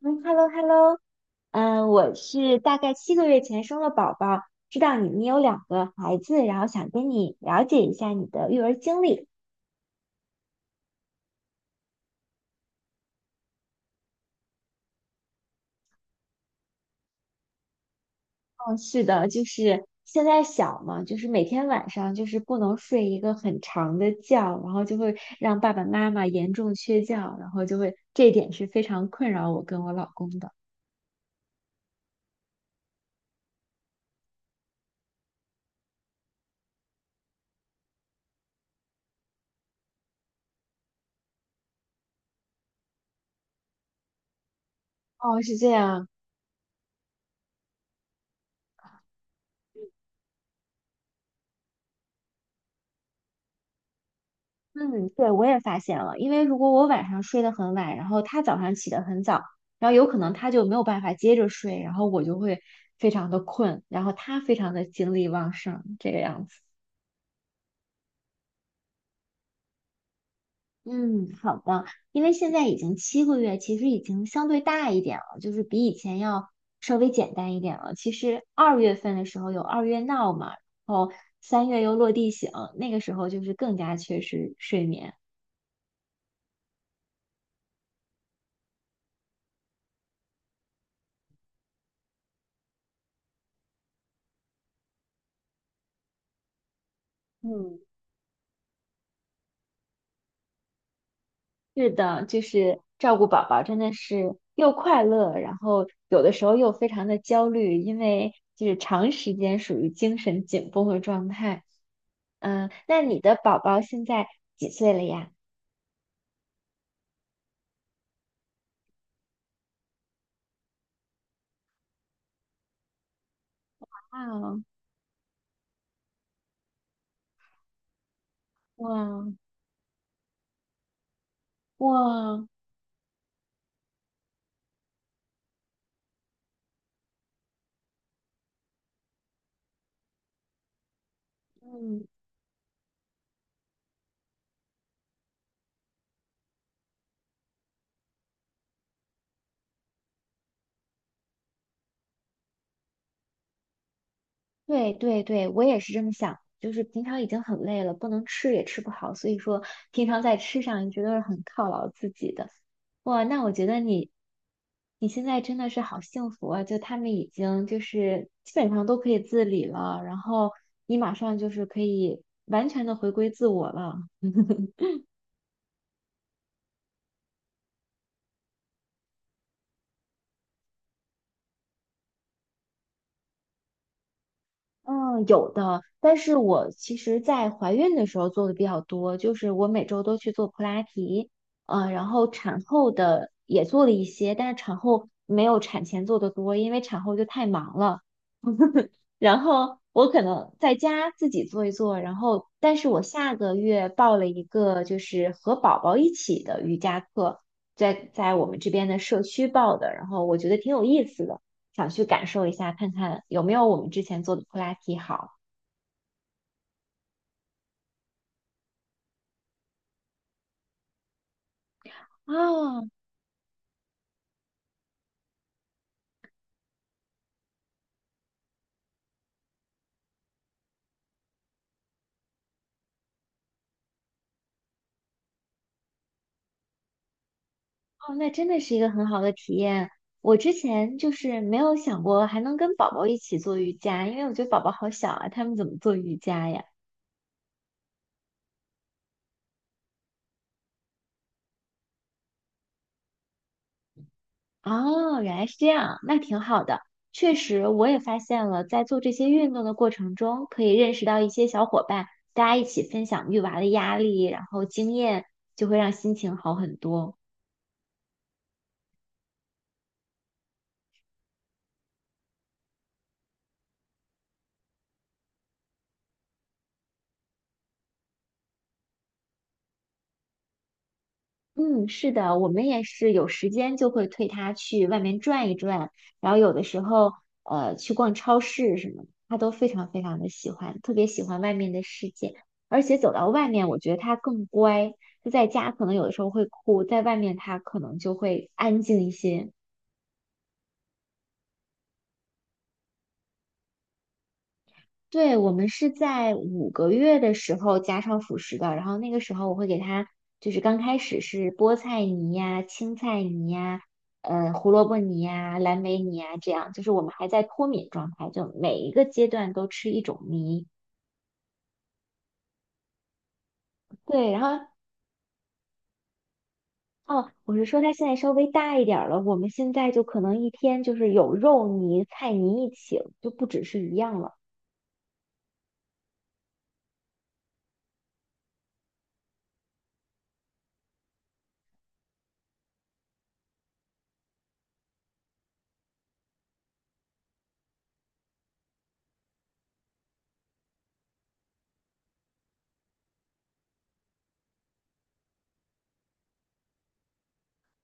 嗯，hello，hello，嗯，我是大概七个月前生了宝宝，知道你有两个孩子，然后想跟你了解一下你的育儿经历。哦，是的，就是现在小嘛，就是每天晚上就是不能睡一个很长的觉，然后就会让爸爸妈妈严重缺觉，然后就会这一点是非常困扰我跟我老公的。哦，是这样。嗯，对，我也发现了，因为如果我晚上睡得很晚，然后他早上起得很早，然后有可能他就没有办法接着睡，然后我就会非常的困，然后他非常的精力旺盛，这个样子。嗯，好的，因为现在已经七个月，其实已经相对大一点了，就是比以前要稍微简单一点了。其实二月份的时候有二月闹嘛，然后三月又落地醒，那个时候就是更加缺失睡眠。嗯。是的，就是照顾宝宝真的是又快乐，然后有的时候又非常的焦虑，因为就是长时间属于精神紧绷的状态。嗯，那你的宝宝现在几岁了呀？啊，哦哇哦哇哦嗯，对对对，我也是这么想，就是平常已经很累了，不能吃也吃不好，所以说平常在吃上你觉得是很犒劳自己的。哇，那我觉得你现在真的是好幸福啊！就他们已经就是基本上都可以自理了，然后你马上就是可以完全的回归自我了。嗯，有的，但是我其实，在怀孕的时候做的比较多，就是我每周都去做普拉提，然后产后的也做了一些，但是产后没有产前做的多，因为产后就太忙了。然后我可能在家自己做一做，然后，但是我下个月报了一个就是和宝宝一起的瑜伽课，在我们这边的社区报的，然后我觉得挺有意思的，想去感受一下，看看有没有我们之前做的普拉提好。哦哦，那真的是一个很好的体验。我之前就是没有想过还能跟宝宝一起做瑜伽，因为我觉得宝宝好小啊，他们怎么做瑜伽呀？哦，原来是这样，那挺好的。确实，我也发现了，在做这些运动的过程中，可以认识到一些小伙伴，大家一起分享育娃的压力，然后经验，就会让心情好很多。嗯，是的，我们也是有时间就会推他去外面转一转，然后有的时候去逛超市什么的他都非常非常的喜欢，特别喜欢外面的世界，而且走到外面，我觉得他更乖，就在家可能有的时候会哭，在外面他可能就会安静一些。对，我们是在5个月的时候加上辅食的，然后那个时候我会给他，就是刚开始是菠菜泥呀、青菜泥呀、胡萝卜泥呀、蓝莓泥呀，这样就是我们还在脱敏状态，就每一个阶段都吃一种泥。对，然后哦，我是说他现在稍微大一点儿了，我们现在就可能一天就是有肉泥、菜泥一起了就不只是一样了。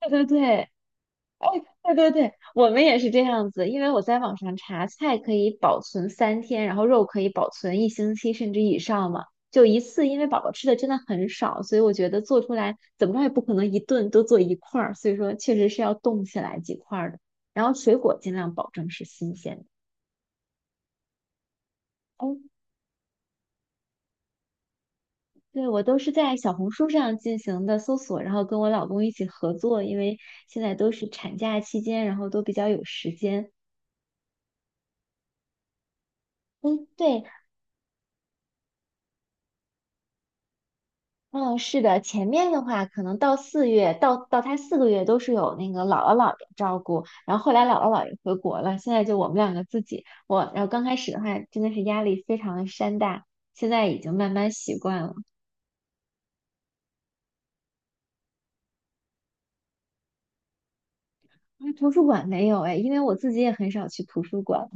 对对对，对对对，我们也是这样子，因为我在网上查，菜可以保存3天，然后肉可以保存一星期甚至以上嘛。就一次，因为宝宝吃的真的很少，所以我觉得做出来怎么着也不可能一顿都做一块儿，所以说确实是要冻起来几块儿的。然后水果尽量保证是新鲜的。哦，对，我都是在小红书上进行的搜索，然后跟我老公一起合作，因为现在都是产假期间，然后都比较有时间。嗯，对，嗯，是的，前面的话可能到四月，到他4个月都是有那个姥姥姥爷照顾，然后后来姥姥姥爷回国了，现在就我们两个自己，我，然后刚开始的话真的是压力非常的山大，现在已经慢慢习惯了。那图书馆没有哎，因为我自己也很少去图书馆，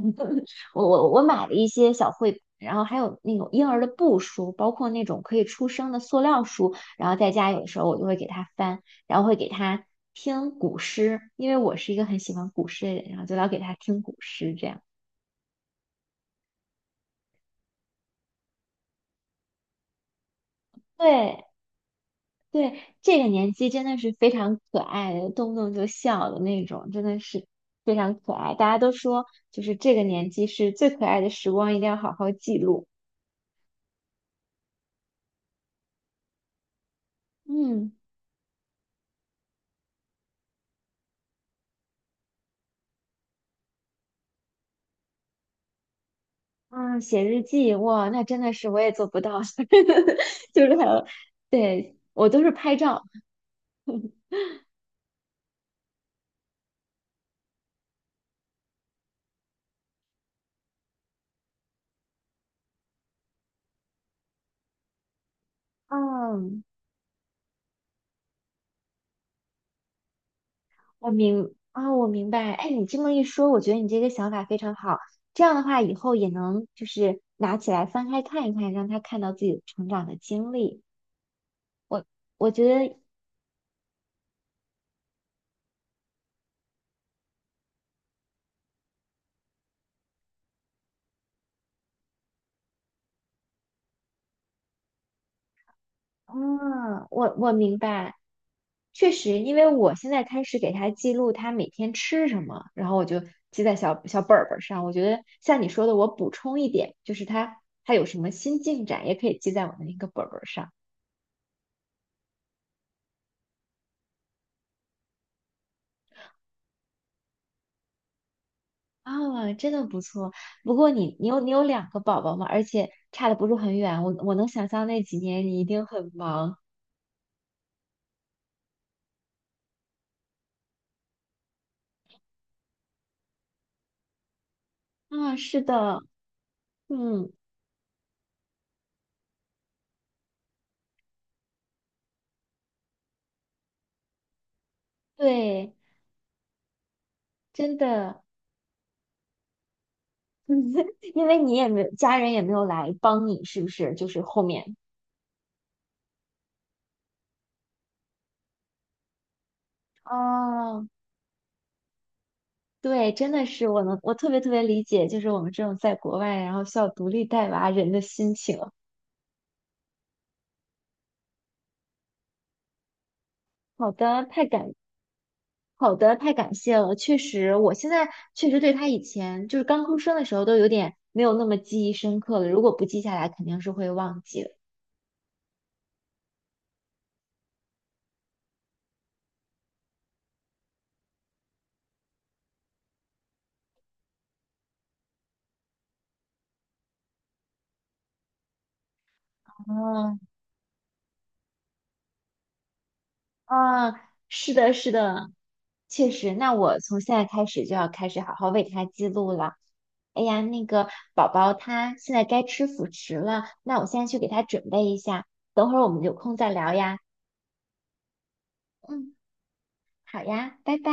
我买了一些小绘本，然后还有那种婴儿的布书，包括那种可以出声的塑料书，然后在家有的时候我就会给他翻，然后会给他听古诗，因为我是一个很喜欢古诗的人，然后就老给他听古诗这样。对对，这个年纪真的是非常可爱的，动不动就笑的那种，真的是非常可爱。大家都说，就是这个年纪是最可爱的时光，一定要好好记录。嗯。啊，写日记，哇，那真的是我也做不到，就是还有，对，我都是拍照。嗯，我明啊，我明白。哎，你这么一说，我觉得你这个想法非常好。这样的话，以后也能就是拿起来翻开看一看，让他看到自己成长的经历。我我觉得，嗯，我明白。确实，因为我现在开始给他记录他每天吃什么，然后我就记在小小本儿本儿上。我觉得像你说的，我补充一点，就是他有什么新进展，也可以记在我的那个本儿本儿上。啊，真的不错。不过你有两个宝宝嘛，而且差的不是很远。我能想象那几年你一定很忙。啊，是的，嗯，对，真的，因为你也没有家人也没有来帮你，是不是？就是后面。哦，对，真的是我能，我特别特别理解，就是我们这种在国外，然后需要独立带娃人的心情。好的，太感，好的，太感谢了。确实，我现在确实对他以前就是刚出生的时候都有点没有那么记忆深刻了。如果不记下来，肯定是会忘记的。哦，啊，是的，是的，确实。那我从现在开始就要开始好好为他记录了。哎呀，那个宝宝他现在该吃辅食了，那我现在去给他准备一下，等会儿我们有空再聊呀。嗯，好呀，拜拜。